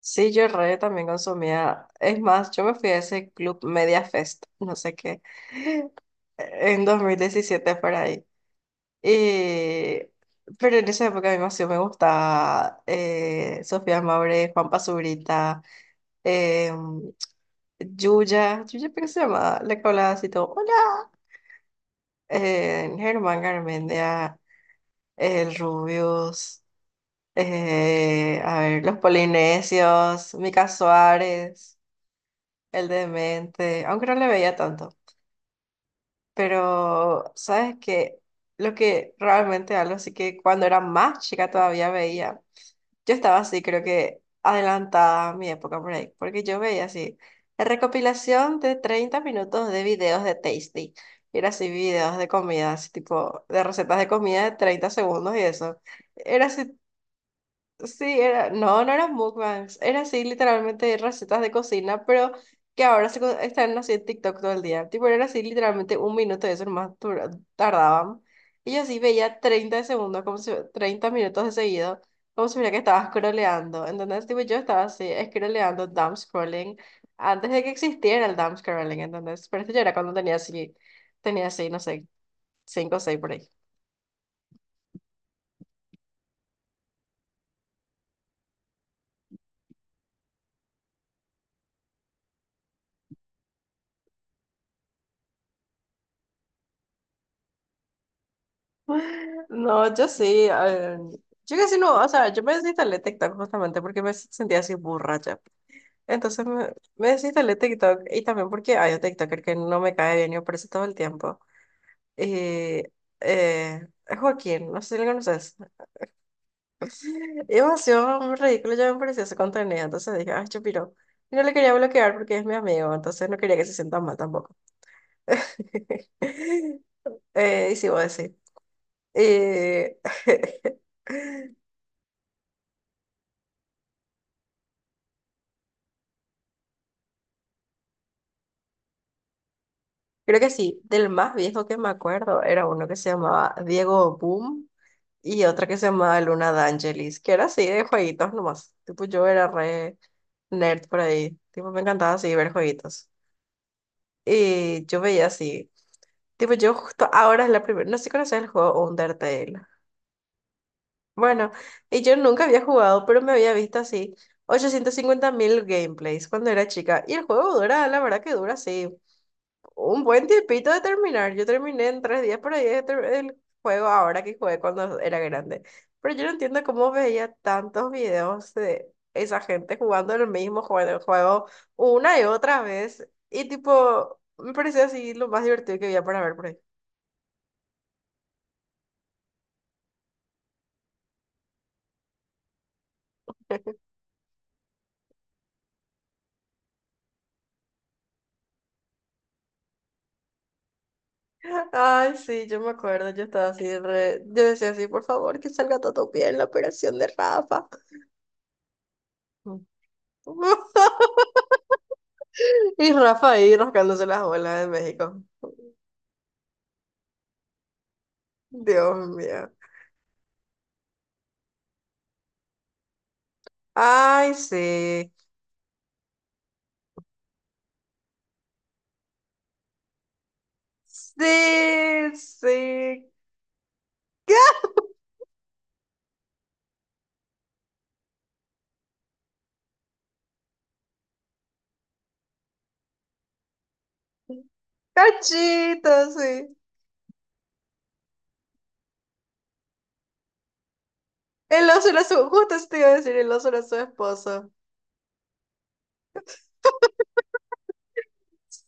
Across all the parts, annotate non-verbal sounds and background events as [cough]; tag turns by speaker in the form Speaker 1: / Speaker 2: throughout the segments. Speaker 1: Sí, yo re también consumía. Es más, yo me fui a ese club Media Fest, no sé qué, en 2017 por ahí. Y... Pero en esa época a mí más sí me gustaba Sofía Maure, Juan Pazurita, eh, Yuya, Yuya, ¿pero qué se llama? La que hablaba así todo, hola, Germán Garmendia, el Rubius, a ver, los Polinesios, Mica Suárez. El demente, aunque no le veía tanto, pero sabes que lo que realmente algo así que cuando era más chica todavía veía, yo estaba así, creo que adelantada a mi época por ahí, porque yo veía así, la recopilación de 30 minutos de videos de Tasty, y era así videos de comida, así tipo de recetas de comida de 30 segundos y eso, era así. Sí, era, no, no eran mukbangs, era así literalmente recetas de cocina, pero que ahora están así en TikTok todo el día. Tipo, era así literalmente un minuto de eso nomás tardaban. Y yo así veía 30 de segundos, como si, 30 minutos de seguido, como si mira que estaba scrolleando. Entonces, tipo, yo estaba así scrolleando, dumb scrolling, antes de que existiera el dumb scrolling, entonces, pero esto ya era cuando tenía así, no sé, 5 o 6 por ahí. No, yo sí. eh, yo casi no, o sea, yo me desinstalé TikTok justamente porque me sentía así borracha. Entonces me desinstalé TikTok y también porque hay un TikToker que no me cae bien y me aparece todo el tiempo. Y eh, es Joaquín, no sé si lo conoces. Y demasiado ridículo, ya me parecía ese contenido. Entonces dije, ay, chupiro. Y no le quería bloquear porque es mi amigo, entonces no quería que se sienta mal tampoco. [laughs] Y sí, voy a decir. Eh, [laughs] Creo que sí, del más viejo que me acuerdo era uno que se llamaba Diego Boom y otro que se llamaba Luna D'Angelis, que era así de jueguitos nomás. Tipo, yo era re nerd por ahí. Tipo, me encantaba así ver jueguitos. Y yo veía así. Tipo, yo justo ahora es la primera. No sé si conoces el juego Undertale. Bueno, y yo nunca había jugado, pero me había visto así 850.000 gameplays cuando era chica. Y el juego dura, la verdad que dura así. Un buen tiempito de terminar. Yo terminé en 3 días por ahí de el juego ahora que jugué cuando era grande. Pero yo no entiendo cómo veía tantos videos de esa gente jugando el mismo juego, el juego una y otra vez. Y tipo, me parecía así lo más divertido que había para ver por ahí. [laughs] Ay, sí, yo me acuerdo, yo estaba así, yo decía así, por favor, que salga todo bien la operación de Rafa. [laughs] Y Rafa ahí rascándose las bolas de México. Dios mío. Ay, sí. Sí, sí. Cachito, sí. El oso era su, justo eso te iba a decir, el oso era su esposo.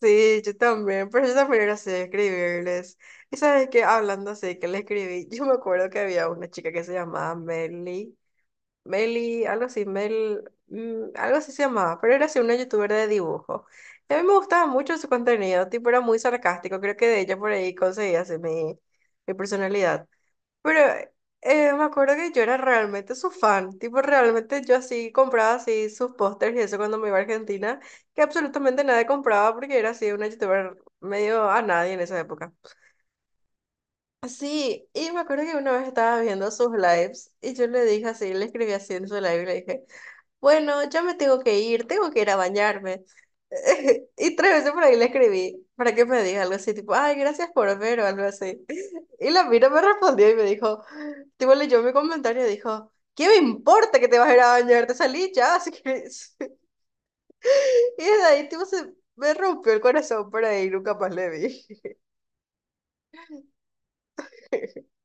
Speaker 1: Sí, yo también, pero yo también era así de escribirles. Y sabes que hablando así, que le escribí, yo me acuerdo que había una chica que se llamaba Meli, Meli, algo así, Mel, algo así se llamaba, pero era así una youtuber de dibujo. Y a mí me gustaba mucho su contenido, tipo era muy sarcástico, creo que de ella por ahí conseguí así mi, mi personalidad. Pero me acuerdo que yo era realmente su fan, tipo realmente yo así compraba así sus pósters y eso cuando me iba a Argentina, que absolutamente nadie compraba porque era así una youtuber medio a nadie en esa época. Sí, y me acuerdo que una vez estaba viendo sus lives y yo le dije así, le escribí así en su live y le dije, bueno, ya me tengo que ir a bañarme. [laughs] Y 3 veces por ahí le escribí para que me diga algo así, tipo, ay, gracias por ver o algo así. Y la mina me respondió y me dijo, tipo, leyó mi comentario y dijo, ¿qué me importa que te vas a ir a bañar? Te salí ya, si querés. [laughs] Y de ahí, tipo, se me rompió el corazón por ahí, nunca más le vi. [laughs]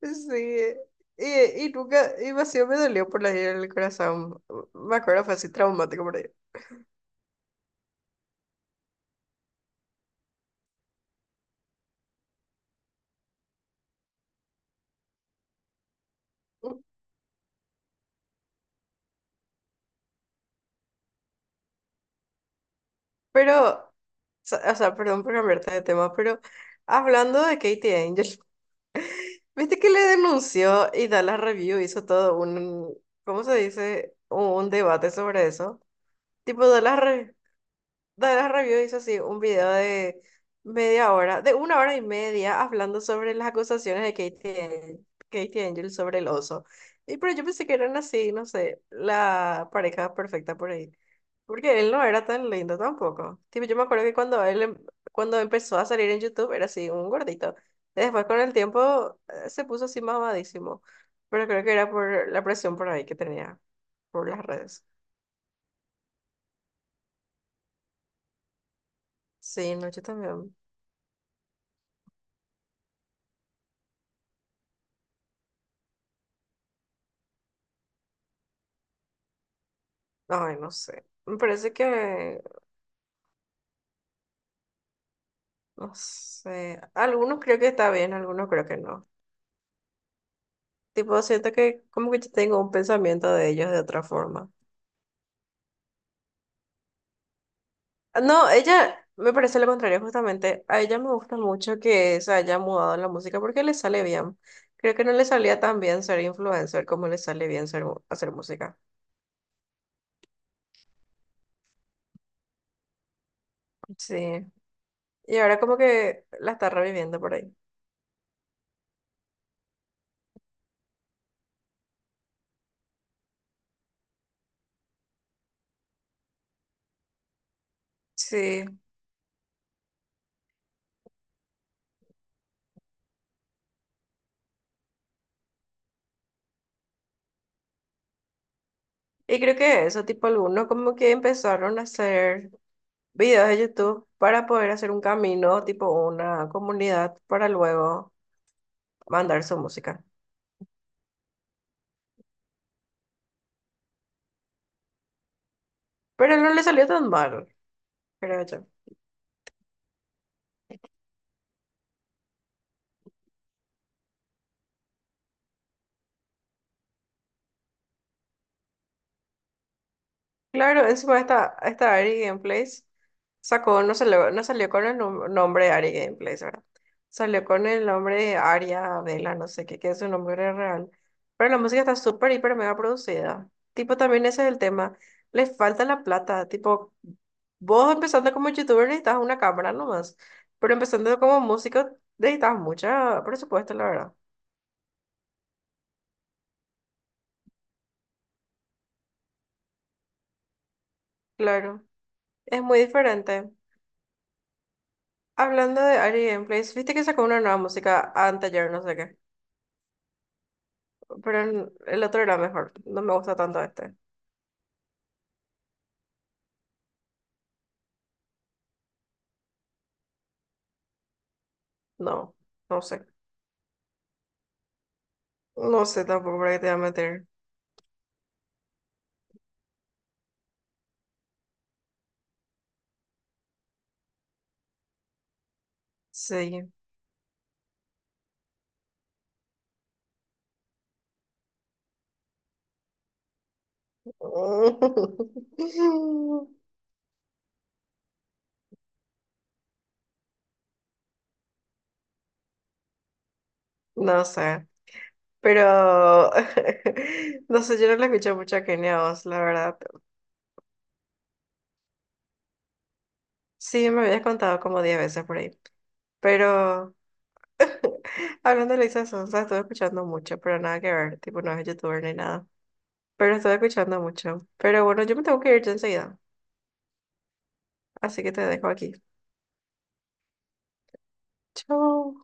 Speaker 1: Sí, y, y nunca, y vacío me dolió por la herida en el corazón. Me acuerdo, fue así traumático por ahí. Pero, o sea, perdón por cambiarte de tema, pero hablando de Katie Angel, viste que le denunció y Dallas Review hizo todo un, ¿cómo se dice? Un debate sobre eso. Tipo, Dallas, de la Review hizo así un video de media hora, de una hora y media, hablando sobre las acusaciones de Katie, Katie Angel sobre el oso. Y pero yo pensé que eran así, no sé, la pareja perfecta por ahí. Porque él no era tan lindo tampoco. Tipo, yo me acuerdo que cuando él cuando empezó a salir en YouTube era así, un gordito. Después con el tiempo se puso así mamadísimo. Pero creo que era por la presión por ahí que tenía, por las redes. Sí, no, yo también. Ay, no sé. Me parece que, no sé. Algunos creo que está bien, algunos creo que no. Tipo, siento que como que yo tengo un pensamiento de ellos de otra forma. Ah, no, ella me parece lo contrario, justamente. A ella me gusta mucho que se haya mudado en la música porque le sale bien. Creo que no le salía tan bien ser influencer como le sale bien ser, hacer música. Sí. Y ahora como que la está reviviendo por ahí. Sí. Y creo que eso, tipo, algunos como que empezaron a hacer videos de YouTube para poder hacer un camino, tipo una comunidad, para luego mandar su música. Pero no le salió tan mal, creo yo. Claro, encima esta Ari Gameplays sacó, no salió con el nombre Ari Gameplays, ¿verdad? Salió con el nombre Aria Vela, no sé qué, que es su nombre real. Pero la música está súper, hiper, mega producida. Tipo, también ese es el tema. Le falta la plata. Tipo, vos empezando como youtuber necesitas una cámara nomás. Pero empezando como músico necesitas mucha presupuesto, la verdad. Claro, es muy diferente. Hablando de Ari Gameplays, viste que sacó una nueva música anteayer, no sé qué. Pero el otro era mejor. No me gusta tanto este. No, no sé. No sé tampoco para qué te voy a meter. Sí. [laughs] No sé. Pero [laughs] no sé, yo no le escuché mucho a Kenia Oz, la verdad. Sí, me habías contado como 10 veces por ahí. Pero [laughs] hablando de Lisa Sonsa, estuve escuchando mucho, pero nada que ver. Tipo, no es youtuber ni nada. Pero estuve escuchando mucho. Pero bueno, yo me tengo que ir ya enseguida. Así que te dejo aquí. Chao.